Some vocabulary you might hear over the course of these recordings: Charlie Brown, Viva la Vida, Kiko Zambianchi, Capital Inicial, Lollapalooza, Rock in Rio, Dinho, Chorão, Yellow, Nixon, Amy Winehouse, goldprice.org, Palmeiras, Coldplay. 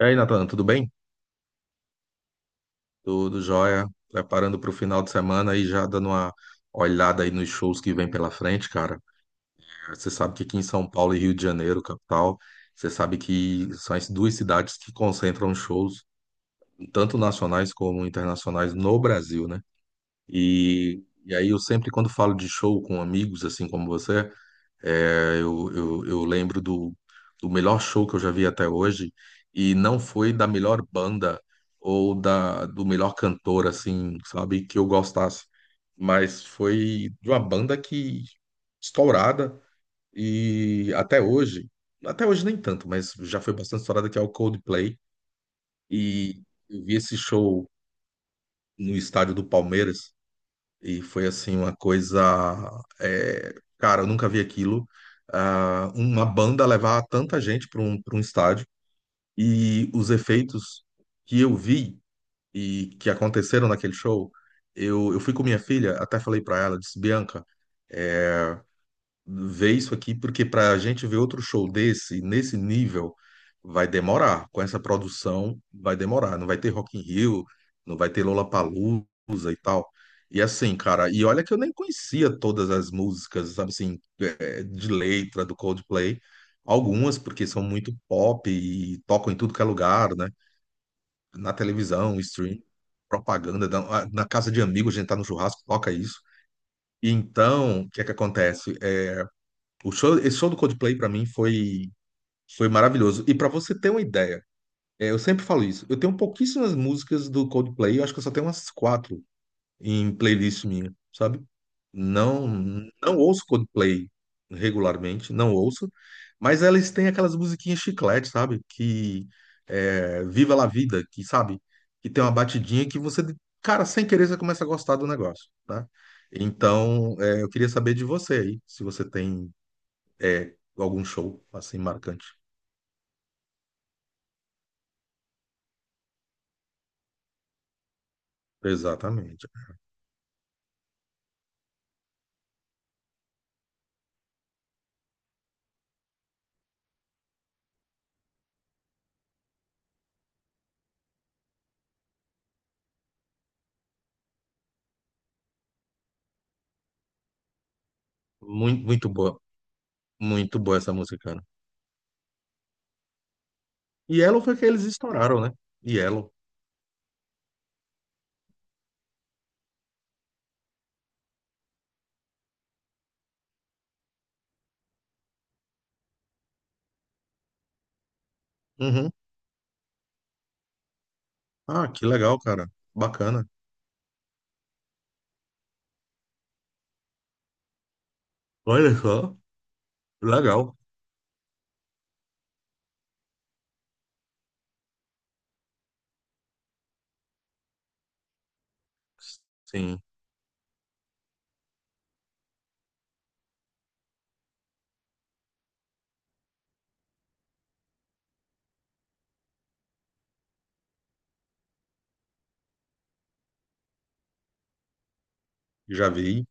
E aí, Nathan, tudo bem? Tudo jóia. Preparando para o final de semana e já dando uma olhada aí nos shows que vem pela frente, cara. Você sabe que aqui em São Paulo e Rio de Janeiro, capital, você sabe que são as duas cidades que concentram shows, tanto nacionais como internacionais, no Brasil, né? E aí eu sempre, quando falo de show com amigos, assim como você, eu lembro do melhor show que eu já vi até hoje, e não foi da melhor banda ou do melhor cantor, assim, sabe, que eu gostasse, mas foi de uma banda que estourada, e até hoje nem tanto, mas já foi bastante estourada, que é o Coldplay, e eu vi esse show no estádio do Palmeiras, e foi assim uma coisa, é, cara, eu nunca vi aquilo. Ah, uma banda levar tanta gente para um estádio e os efeitos que eu vi e que aconteceram naquele show, eu fui com minha filha, até falei para ela, disse, Bianca, eh, ver isso aqui, porque para a gente ver outro show desse, nesse nível, vai demorar. Com essa produção, vai demorar. Não vai ter Rock in Rio, não vai ter Lollapalooza e tal. E assim, cara, e olha que eu nem conhecia todas as músicas, sabe assim, de letra do Coldplay. Algumas, porque são muito pop e tocam em tudo que é lugar, né? Na televisão, stream, propaganda, na casa de amigos, a gente tá no churrasco, toca isso. Então, o que é que acontece? O show, esse show do Coldplay pra mim foi maravilhoso. E pra você ter uma ideia, é, eu sempre falo isso. Eu tenho pouquíssimas músicas do Coldplay. Eu acho que eu só tenho umas quatro em playlist minha, sabe? Não, não ouço Coldplay regularmente, não ouço. Mas elas têm aquelas musiquinhas chiclete, sabe? Que é, Viva la Vida, que sabe? Que tem uma batidinha que você, cara, sem querer você começa a gostar do negócio, tá? Então, é, eu queria saber de você aí, se você tem é, algum show assim marcante. Exatamente. Muito, muito boa. Muito boa essa música, cara. E Yellow foi que eles estouraram, né? Yellow. Uhum. Ah, que legal, cara. Bacana. Olha só. Legal. Sim, já vi.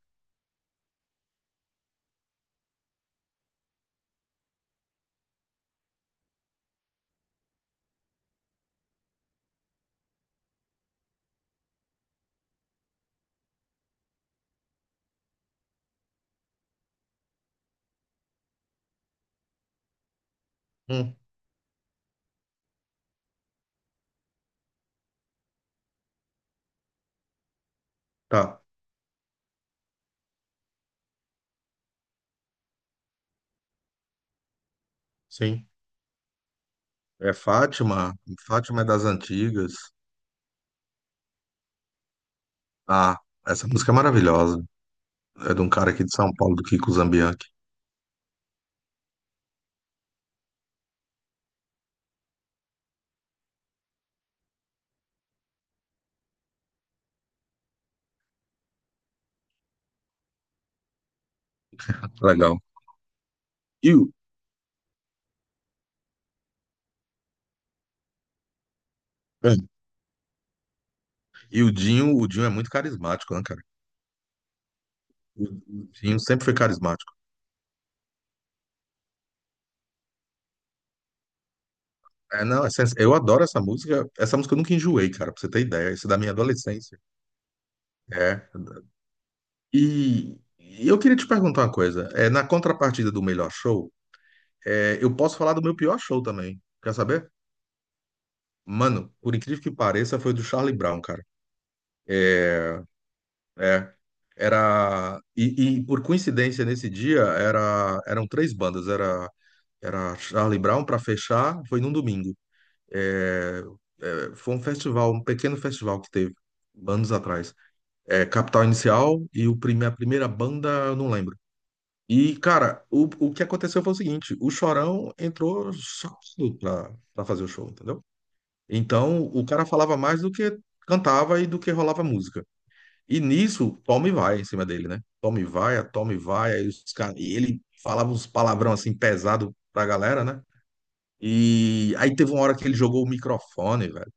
Hum, tá. Sim. É Fátima. Fátima é das antigas. Ah, essa música é maravilhosa. É de um cara aqui de São Paulo, do Kiko Zambianchi. Legal. E o, hum, e o Dinho é muito carismático, né, cara? O Dinho sempre foi carismático. É, não, essa- eu adoro essa música. Essa música eu nunca enjoei, cara, pra você ter ideia. Isso é da minha adolescência. É. E eu queria te perguntar uma coisa. É, na contrapartida do melhor show, é, eu posso falar do meu pior show também. Quer saber? Mano, por incrível que pareça, foi o do Charlie Brown, cara. É, é. Era. E por coincidência, nesse dia, eram três bandas. Era Charlie Brown pra fechar, foi num domingo. É, é, foi um festival, um pequeno festival que teve anos atrás. É, Capital Inicial e o prime, a primeira banda, eu não lembro. E, cara, o que aconteceu foi o seguinte: o Chorão entrou sócio pra fazer o show, entendeu? Então, o cara falava mais do que cantava e do que rolava música. E nisso, toma e vai em cima dele, né? Toma e vai, a toma e vai. Aí os cara, e ele falava uns palavrão assim pesado pra galera, né? E aí teve uma hora que ele jogou o microfone, velho.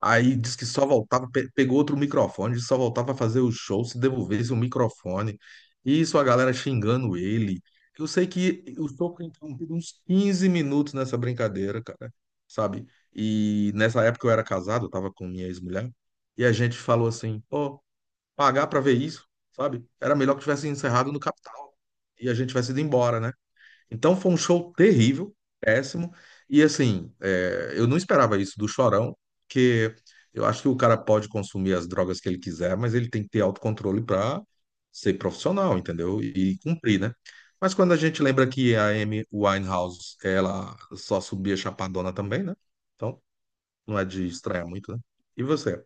Aí disse que só voltava, pe- pegou outro microfone, disse que só voltava a fazer o show se devolvesse o microfone. E isso a galera xingando ele. Eu sei que o show foi interrompido uns 15 minutos nessa brincadeira, cara, sabe? E nessa época eu era casado, eu tava com minha ex-mulher, e a gente falou assim: pô, pagar pra ver isso, sabe? Era melhor que tivesse encerrado no Capital e a gente tivesse ido embora, né? Então foi um show terrível, péssimo. E assim, é, eu não esperava isso do Chorão, porque eu acho que o cara pode consumir as drogas que ele quiser, mas ele tem que ter autocontrole para ser profissional, entendeu? E, cumprir, né? Mas quando a gente lembra que a Amy Winehouse, ela só subia chapadona também, né? Então não é de estranhar muito, né? E você?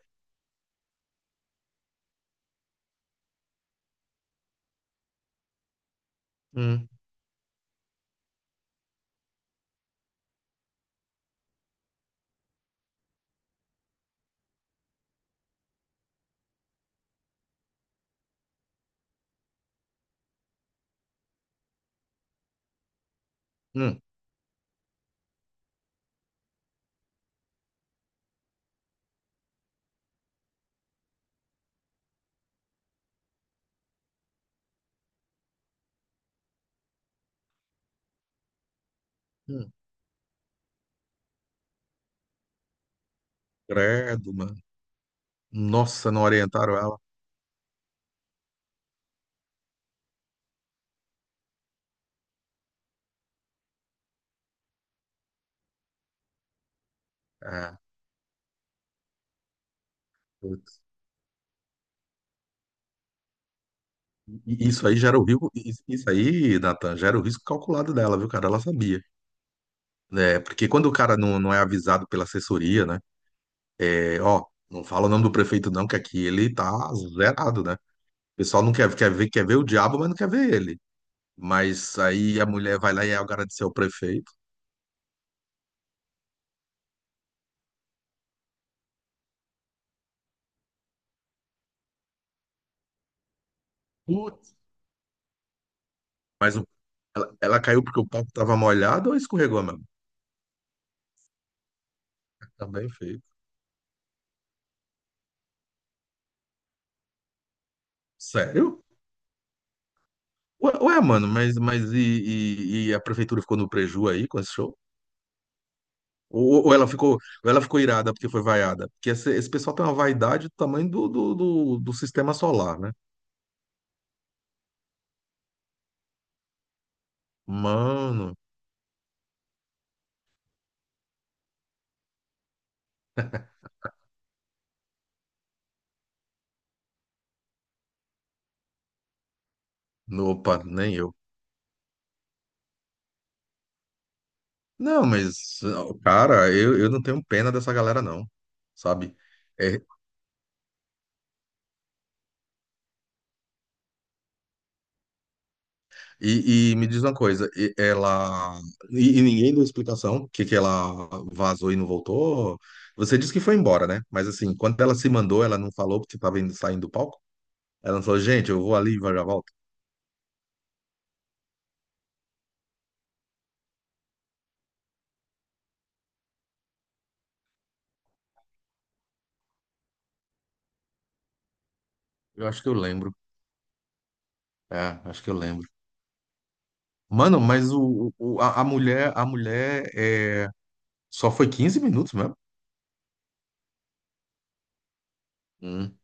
Hum, hum, hum. Credo, mano. Nossa, não orientaram ela. É. E isso aí gera o risco, isso aí, Nathan, gera o risco calculado dela, viu, cara? Ela sabia, né? Porque quando o cara não é avisado pela assessoria, né? É, ó, não fala o nome do prefeito não, que aqui ele tá zerado, né? O pessoal não quer, quer ver o diabo, mas não quer ver ele. Mas aí a mulher vai lá e agradeceu ao prefeito. Putz, mas o- ela caiu porque o palco tava molhado ou escorregou mesmo? Tá bem feito. Sério? Ué, ué, mano, mas e a prefeitura ficou no preju aí com esse show? Ou, ou ela ficou, ou ela ficou irada porque foi vaiada. Porque esse pessoal tem uma vaidade do tamanho do sistema solar, né? Mano, no- opa, nem eu. Não, mas, cara, eu não tenho pena dessa galera, não. Sabe? É, e me diz uma coisa, e- ela. E ninguém deu explicação que ela vazou e não voltou. Você disse que foi embora, né? Mas assim, quando ela se mandou, ela não falou porque estava indo, saindo do palco? Ela não falou, gente, eu vou ali e já volto. Eu acho que eu lembro. É, acho que eu lembro. Mano, mas a mulher é... só foi 15 minutos mesmo? Hum.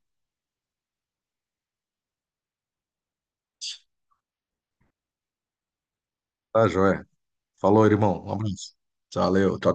Tá, joia. Falou, irmão. Um abraço. Valeu. Tchau, tchau.